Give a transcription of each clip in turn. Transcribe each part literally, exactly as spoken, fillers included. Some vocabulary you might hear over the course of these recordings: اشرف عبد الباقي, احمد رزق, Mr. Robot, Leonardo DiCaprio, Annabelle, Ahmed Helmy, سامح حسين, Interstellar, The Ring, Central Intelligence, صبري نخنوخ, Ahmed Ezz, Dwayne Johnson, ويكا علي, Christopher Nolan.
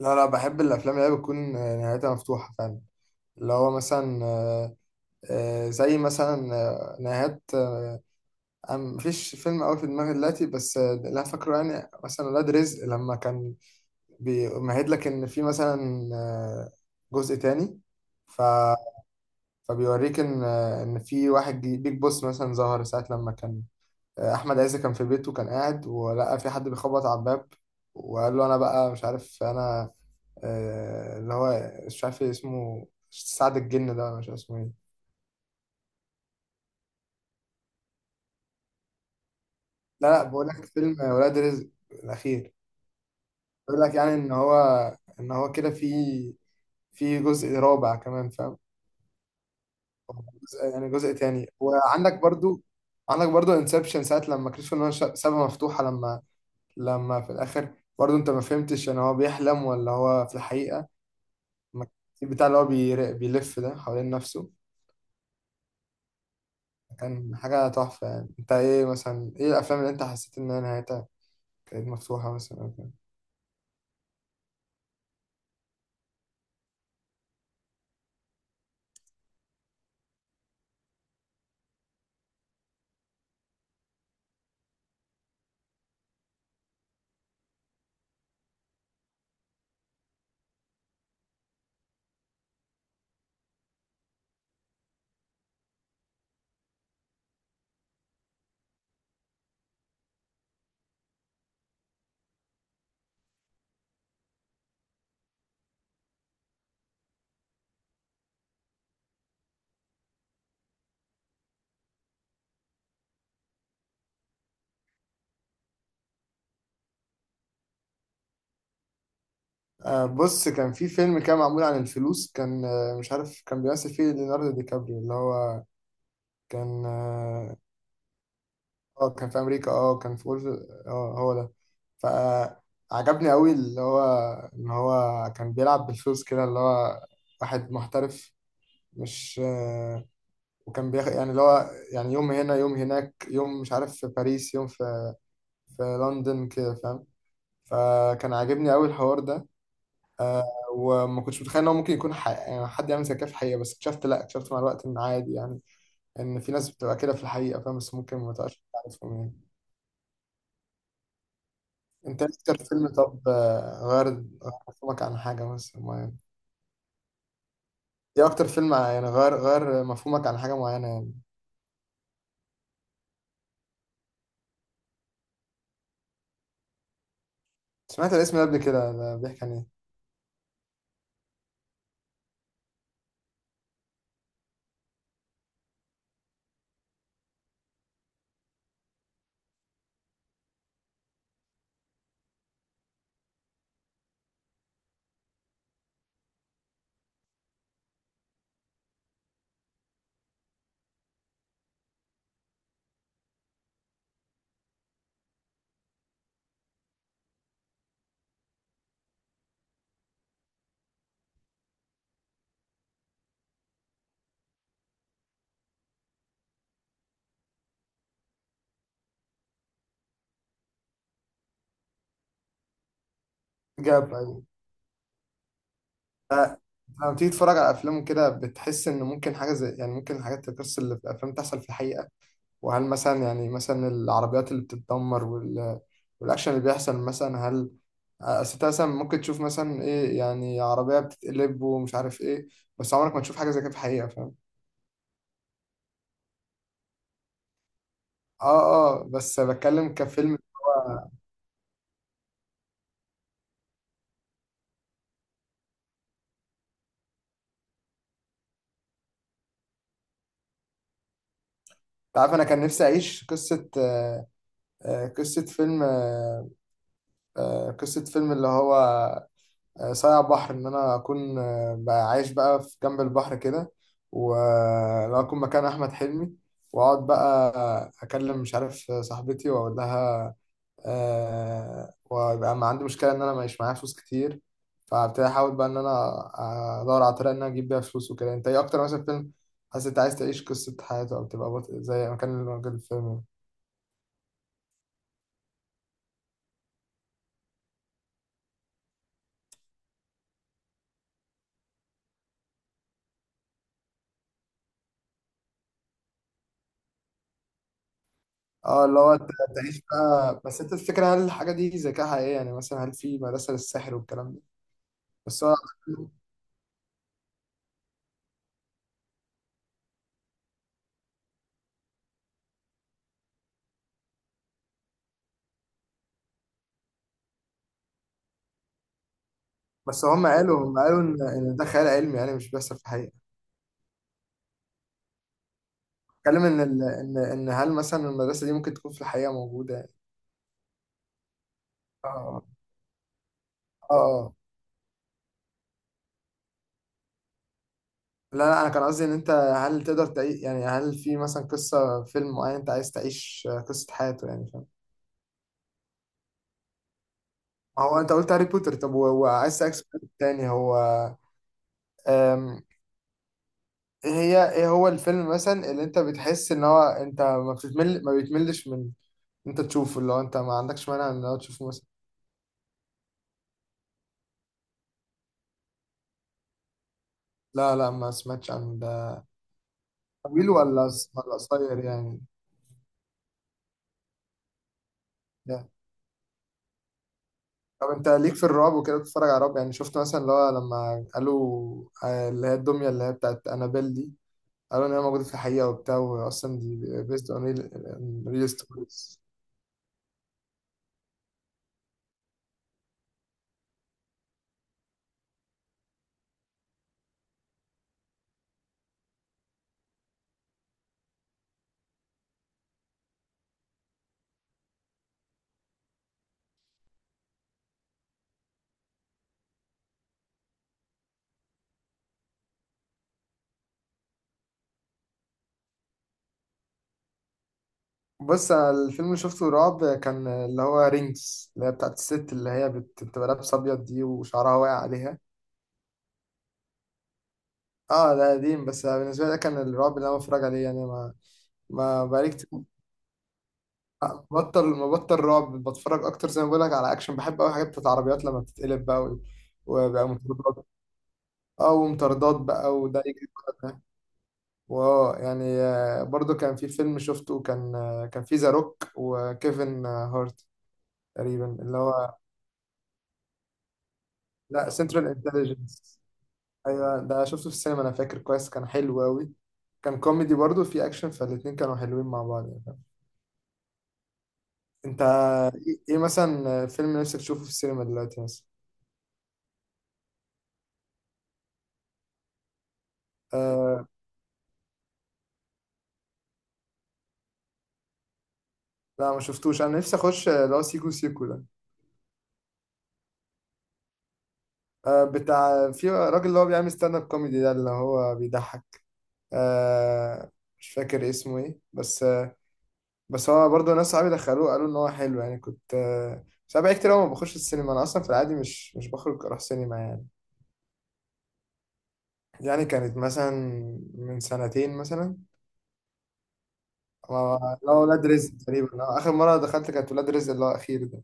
لا لا، بحب الافلام اللي هي بتكون آه، نهايتها مفتوحه فعلا. اللي هو مثلا آه، آه، زي مثلا آه، نهايات آه، أنا مفيش فيلم قوي في دماغي دلوقتي، بس آه، اللي انا فاكره يعني مثلا ولاد رزق، لما كان بيمهد لك ان في مثلا آه، جزء تاني. ف فبيوريك ان آه، ان في واحد جي- بيج بوس مثلا ظهر ساعه لما كان آه، احمد عز كان في بيته، كان قاعد ولقى في حد بيخبط على الباب وقال له انا بقى مش عارف انا آه، اللي هو مش عارف إيه اسمه، سعد الجن ده، ولا مش عارف اسمه ايه. لا لا، بقول لك فيلم ولاد رزق الأخير. بيقول لك يعني إن هو إن هو كده في في جزء رابع كمان، فاهم؟ جزء، يعني جزء تاني. وعندك برضو، عندك برضو انسبشن، ساعة لما كريستوفر نولان شا- سابها مفتوحة، لما لما في الآخر برضو أنت ما فهمتش، يعني هو بيحلم ولا هو في الحقيقة. ما- البتاع اللي هو بير- بيلف ده حوالين نفسه، كان حاجة تحفة. يعني أنت إيه مثلا، إيه الأفلام اللي أنت حسيت إن هي نهايتها كانت مفتوحة مثلا أو كده؟ آه بص، كان في فيلم كان معمول عن الفلوس، كان آه مش عارف، كان بيمثل فيه ليوناردو دي كابريو، اللي هو كان اه آه، كان في أمريكا، اه كان في أولف... اه هو ده. فعجبني أوي اللي هو إن هو كان بيلعب بالفلوس كده، اللي هو واحد محترف، مش آه. وكان بياخد يعني اللي هو يعني يوم هنا، يوم هناك، يوم مش عارف في باريس، يوم في في لندن كده، فاهم؟ فكان عاجبني أوي الحوار ده. وما كنتش متخيل ان هو ممكن يكون ح... يعني حد يعمل زي كده في الحقيقه، بس اكتشفت، لا اكتشفت مع الوقت ان عادي يعني، ان في ناس بتبقى كده في الحقيقه، فاهم؟ بس ممكن ما تبقاش عارفهم يعني. انت إيه اكتر فيلم، طب آه، غير غير مفهومك عن حاجه مثلا معينه؟ ايه اكتر فيلم يعني غير غير مفهومك عن حاجه معينه يعني؟ سمعت الاسم ده قبل كده، ده بيحكي عن ايه؟ جاب ايوه. آه، لما بتيجي تتفرج على افلام كده، بتحس ان ممكن حاجه زي، يعني ممكن الحاجات، القصص اللي في الافلام تحصل في الحقيقه. وهل مثلا، يعني مثلا العربيات اللي بتتدمر وال... والأكشن اللي بيحصل مثلا، هل آه، أصل أنت مثلا ممكن تشوف مثلا إيه، يعني عربية بتتقلب ومش عارف إيه، بس عمرك ما تشوف حاجة زي كده في الحقيقة، فاهم؟ آه. آه بس بتكلم كفيلم. أنت عارف أنا كان نفسي أعيش قصة آه، آه، قصة فيلم آه، آه، قصة فيلم اللي هو آه، ساعة بحر، إن أنا أكون آه، بقى عايش بقى في جنب البحر كده، ولو أكون مكان أحمد حلمي، وأقعد بقى آه، أكلم مش عارف صاحبتي وأقول لها أه، ويبقى ما عندي مشكلة إن أنا معيش معايا فلوس كتير، فابتدي أحاول بقى إن أنا آه، أدور على طريقة إن أنا أجيب بيها فلوس وكده. أنت إيه أكتر مثلا فيلم حاسس أنت عايز تعيش قصة حياته، أو تبقى بطل زي مكان الراجل الفيلم؟ اه اللي هو ت- تعيش بقى. بس انت الفكرة، هل الحاجة دي ذكاء حقيقي؟ يعني مثلا هل في مدرسة للسحر والكلام ده؟ بس هو، بس هم قالوا هم قالوا ان ان ده خيال علمي، يعني مش بيحصل في الحقيقه. اتكلم ان ال... ان ان هل مثلا المدرسه دي ممكن تكون في الحقيقه موجوده يعني. اه. اه آه. لا لا، انا كان قصدي ان انت هل تقدر تعيش، يعني هل في مثلا قصه فيلم معين انت عايز تعيش قصه حياته يعني، فاهم؟ هو انت قلت هاري بوتر. طب و- وعايز اسالك سؤال تاني. هو أم... ايه هي، ايه هو الفيلم مثلا اللي انت بتحس ان هو انت ما بتتمل، ما بيتملش من انت تشوفه، اللي هو انت ما عندكش مانع ان هو تشوفه مثلا؟ لا لا، ما سمعتش عنه ده. طويل ولا ولا قصير يعني؟ ده طب انت ليك في الرعب وكده، بتتفرج على رعب؟ يعني شفت مثلا اللي هو لما قالوا آه، اللي هي الدمية اللي هي بتاعت انابيل دي، قالوا ان هي موجودة في الحقيقة وبتاع، واصلا دي بيست اون ريل ستوريز. بص انا الفيلم اللي شفته رعب، كان اللي هو رينجز، اللي هي بتاعت الست اللي هي بت- بتبقى لابسة ابيض دي وشعرها واقع عليها. اه ده قديم، بس بالنسبة لي ده كان الرعب اللي انا بتفرج عليه يعني، ما ما بقالي كتير. بطل، مبطل رعب، بتفرج اكتر زي ما بقول لك على اكشن، بحب قوي حاجات بتاعت عربيات لما بتتقلب بقى و- وبقى مطاردات. اه ومطاردات بقى، وده يجري وده ده. واو يعني آه، برضو كان في فيلم شفته، كان آه، كان في ذا روك وكيفن آه، هارت تقريبا، اللي هو لا، سنترال انتليجنس، ايوه ده شفته في السينما، انا فاكر كويس، كان حلو قوي. كان كوميدي برضو في اكشن، فالاتنين كانوا حلوين مع بعض يعني. انت ايه، إيه مثلا فيلم نفسك تشوفه في السينما دلوقتي مثلا؟ آه، لا ما شفتوش، انا نفسي اخش اللي هو سيكو سيكو ده. آه بتاع في راجل اللي هو بيعمل ستاند اب كوميدي ده، اللي هو بيضحك آه، مش فاكر اسمه ايه، بس آه بس هو برضه ناس صحابي دخلوه، قالوا ان هو حلو يعني، كنت آه. بس انا بقالي كتير أوي ما بخش السينما، انا اصلا في العادي مش مش بخرج اروح سينما يعني. يعني كانت مثلا من سنتين مثلا، آه، اللي هو ولاد رزق تقريبا، آه، اخر مره دخلت كانت ولاد رزق اللي هو الاخير ده.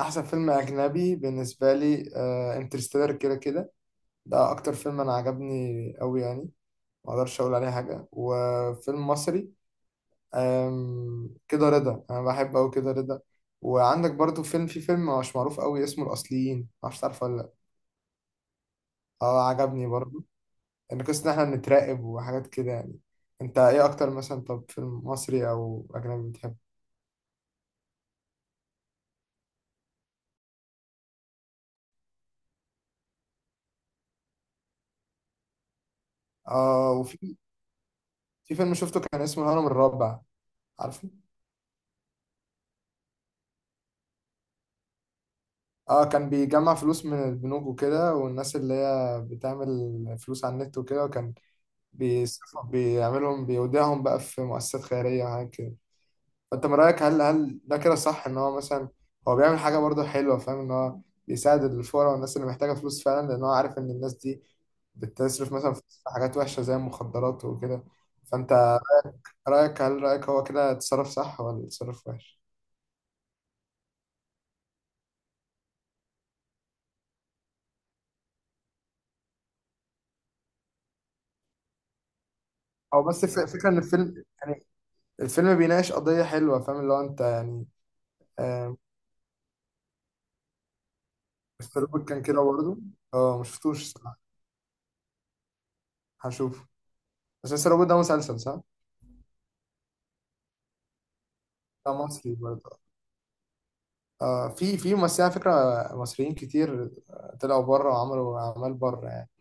احسن فيلم اجنبي بالنسبه لي انترستيلر، كده كده ده اكتر فيلم انا عجبني قوي يعني، ما اقدرش اقول عليه حاجه. وفيلم مصري أم، كده رضا، انا بحب قوي كده رضا. وعندك برضو فيلم، في فيلم مش معروف قوي اسمه الاصليين، ما اعرفش تعرفه ولا لا. اه عجبني برضو، ان قصه ان احنا بنتراقب وحاجات كده يعني. انت ايه اكتر مثلا، طب فيلم مصري او اجنبي بتحبه؟ اه وفي، في فيلم شفته كان اسمه الهرم الرابع، عارفه؟ اه كان بيجمع فلوس من البنوك وكده والناس اللي هي بتعمل فلوس على النت وكده، وكان بيس- بيعملهم، بيوديهم بقى في مؤسسات خيرية وحاجات كده. فأنت من رأيك، هل هل ده كده صح إن هو مثلا هو بيعمل حاجة برضه حلوة، فاهم إن هو بيساعد الفقراء والناس اللي محتاجة فلوس فعلا، لأن هو عارف إن الناس دي بتصرف مثلا في حاجات وحشة زي المخدرات وكده. فأنت رأيك، هل رأيك هو كده اتصرف صح ولا اتصرف وحش؟ أو بس الف- الفكرة إن الفيلم يعني الفيلم بيناقش قضية حلوة، فاهم اللي هو أنت يعني. آه، مستر روبوت كان كده برضه. أه مشفتوش الصراحة، هشوفه. بس مستر روبوت ده مسلسل صح؟ لا مصري برضه. آه في في ممثلين على فكرة مصريين كتير آه، طلعوا بره وعملوا أعمال بره يعني.